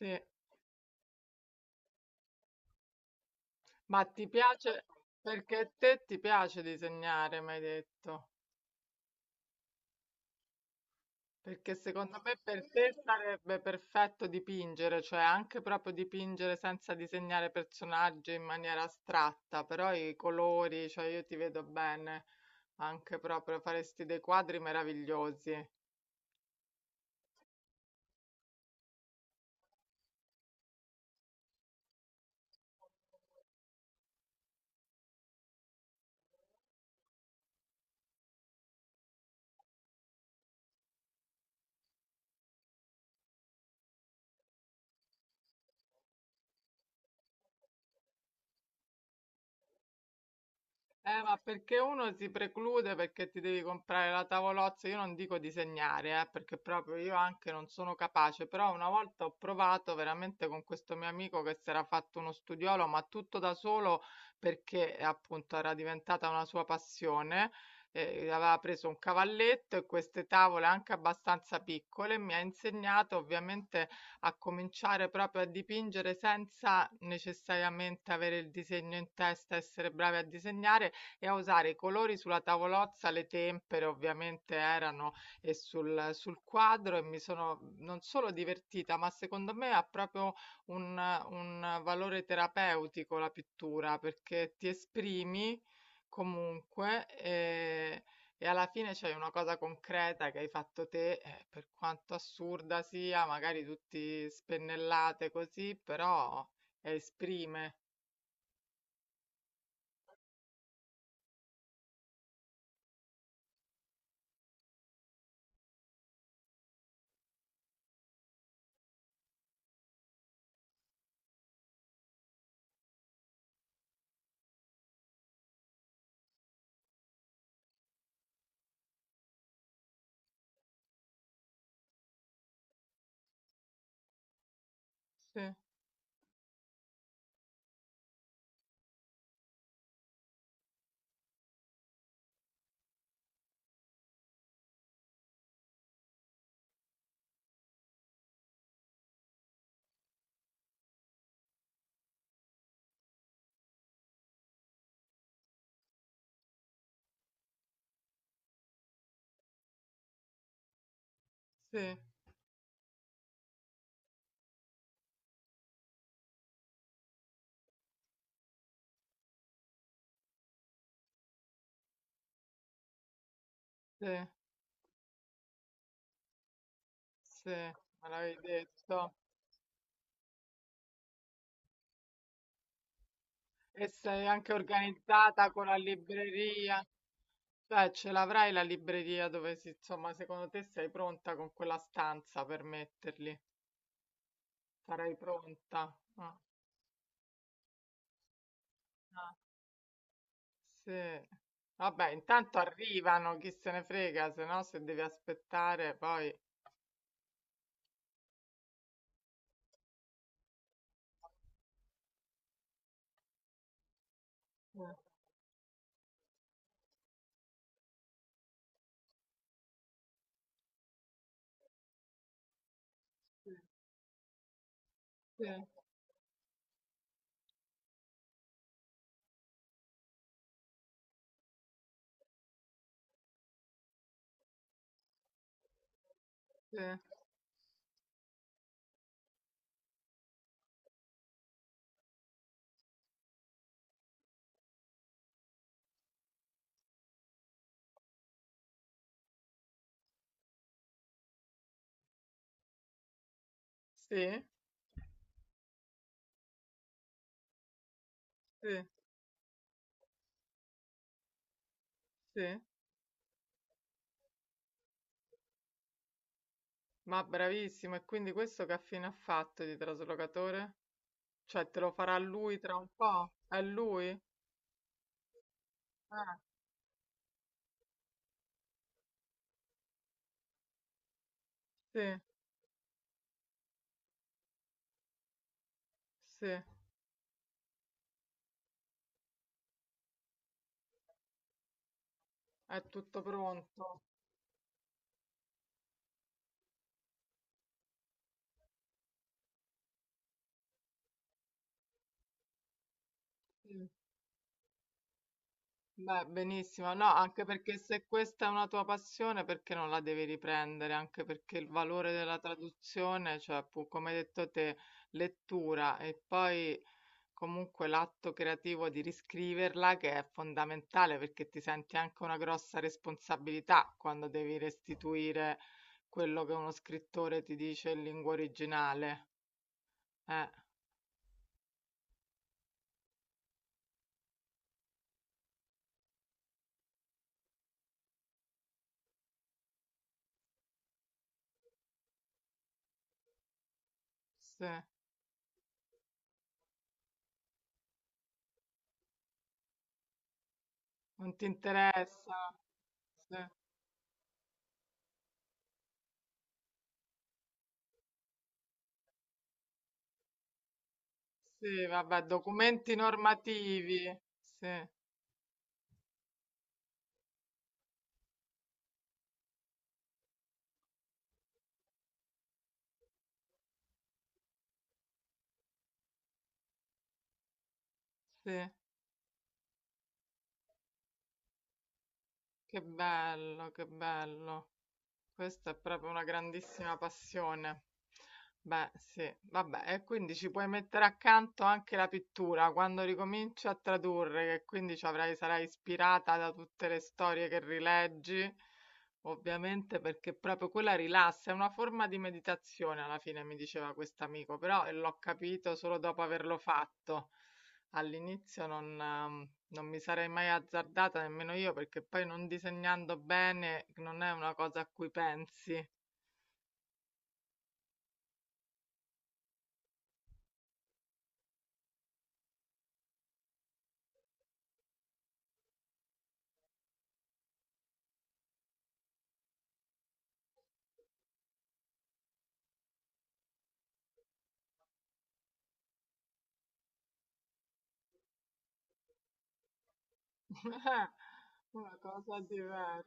Sì, ma ti piace perché a te ti piace disegnare, mi hai detto. Perché secondo me per te sarebbe perfetto dipingere, cioè anche proprio dipingere senza disegnare personaggi in maniera astratta, però i colori, cioè io ti vedo bene, anche proprio faresti dei quadri meravigliosi. Ma perché uno si preclude perché ti devi comprare la tavolozza? Io non dico disegnare, perché proprio io anche non sono capace, però una volta ho provato veramente con questo mio amico che si era fatto uno studiolo, ma tutto da solo perché appunto era diventata una sua passione. Aveva preso un cavalletto e queste tavole anche abbastanza piccole, mi ha insegnato ovviamente a cominciare proprio a dipingere senza necessariamente avere il disegno in testa, essere bravi a disegnare e a usare i colori sulla tavolozza, le tempere ovviamente erano e sul quadro e mi sono non solo divertita, ma secondo me ha proprio un, un valore terapeutico la pittura perché ti esprimi comunque e alla fine c'è una cosa concreta che hai fatto te, per quanto assurda sia, magari tutti spennellate così, però esprime. Sì, sì, sì. Sì, me l'avevi detto. E sei anche organizzata con la libreria, cioè ce l'avrai la libreria dove si, insomma, secondo te sei pronta con quella stanza per metterli? Sarai pronta? Ah, ah, sì. Vabbè, intanto arrivano, chi se ne frega, se no se devi aspettare poi... Eh, sì, sì, sì, sì, sì. Ma bravissimo, e quindi questo che affine ha fatto di traslocatore? Cioè, te lo farà lui tra un po'? È lui? Sì, sì, è tutto pronto. Sì. Beh, benissimo. No, anche perché se questa è una tua passione, perché non la devi riprendere? Anche perché il valore della traduzione, cioè, pu- come hai detto te, lettura e poi comunque l'atto creativo di riscriverla che è fondamentale perché ti senti anche una grossa responsabilità quando devi restituire quello che uno scrittore ti dice in lingua originale. Eh, sì, non ti interessa? Sì, sì, vabbè, documenti normativi. Sì, sì, che bello, che bello. Questa è proprio una grandissima passione. Beh, sì, vabbè, e quindi ci puoi mettere accanto anche la pittura quando ricominci a tradurre, che quindi ci avrai, sarai ispirata da tutte le storie che rileggi, ovviamente perché proprio quella rilassa, è una forma di meditazione alla fine, mi diceva quest'amico, però l'ho capito solo dopo averlo fatto. All'inizio non, non mi sarei mai azzardata nemmeno io, perché poi non disegnando bene non è una cosa a cui pensi. Una cosa diversa.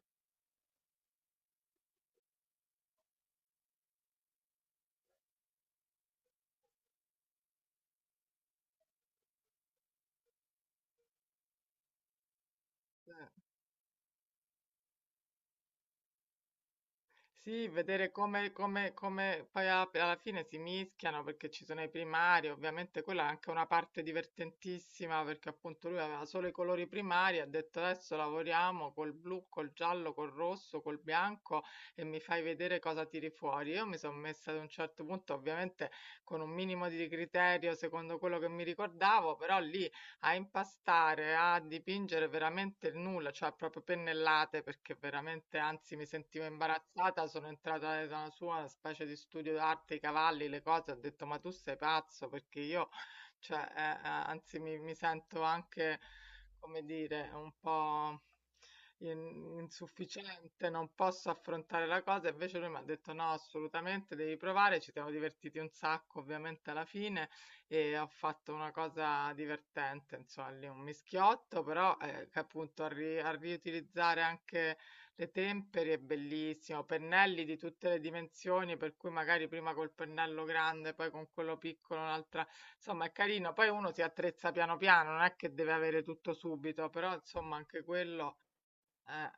Sì, vedere come poi alla fine si mischiano perché ci sono i primari, ovviamente quella è anche una parte divertentissima perché appunto lui aveva solo i colori primari, ha detto adesso lavoriamo col blu, col giallo, col rosso, col bianco e mi fai vedere cosa tiri fuori. Io mi sono messa ad un certo punto, ovviamente con un minimo di criterio secondo quello che mi ricordavo, però lì a impastare, a dipingere veramente il nulla, cioè proprio pennellate perché veramente, anzi, mi sentivo imbarazzata. Sono entrata nella sua una specie di studio d'arte, i cavalli, le cose. Ho detto, ma tu sei pazzo perché io, cioè, anzi, mi sento anche, come dire, un po' insufficiente, non posso affrontare la cosa. Invece lui mi ha detto no, assolutamente devi provare. Ci siamo divertiti un sacco, ovviamente alla fine. E ho fatto una cosa divertente, insomma, lì un mischiotto, però che appunto a, a riutilizzare anche le tempere è bellissimo, pennelli di tutte le dimensioni, per cui magari prima col pennello grande, poi con quello piccolo, un'altra, insomma è carino, poi uno si attrezza piano piano, non è che deve avere tutto subito, però insomma anche quello, eh,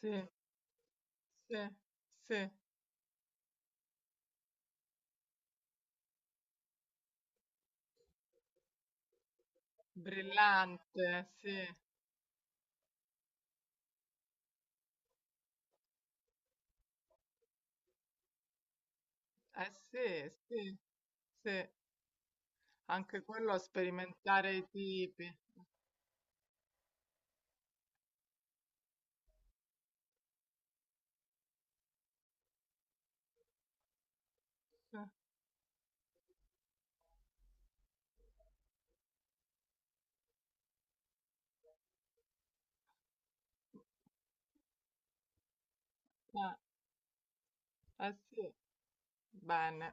sì, sì, sì, brillante, sì, eh sì, sì. Sì, anche quello a sperimentare i tipi. Eh, eh sì, bene.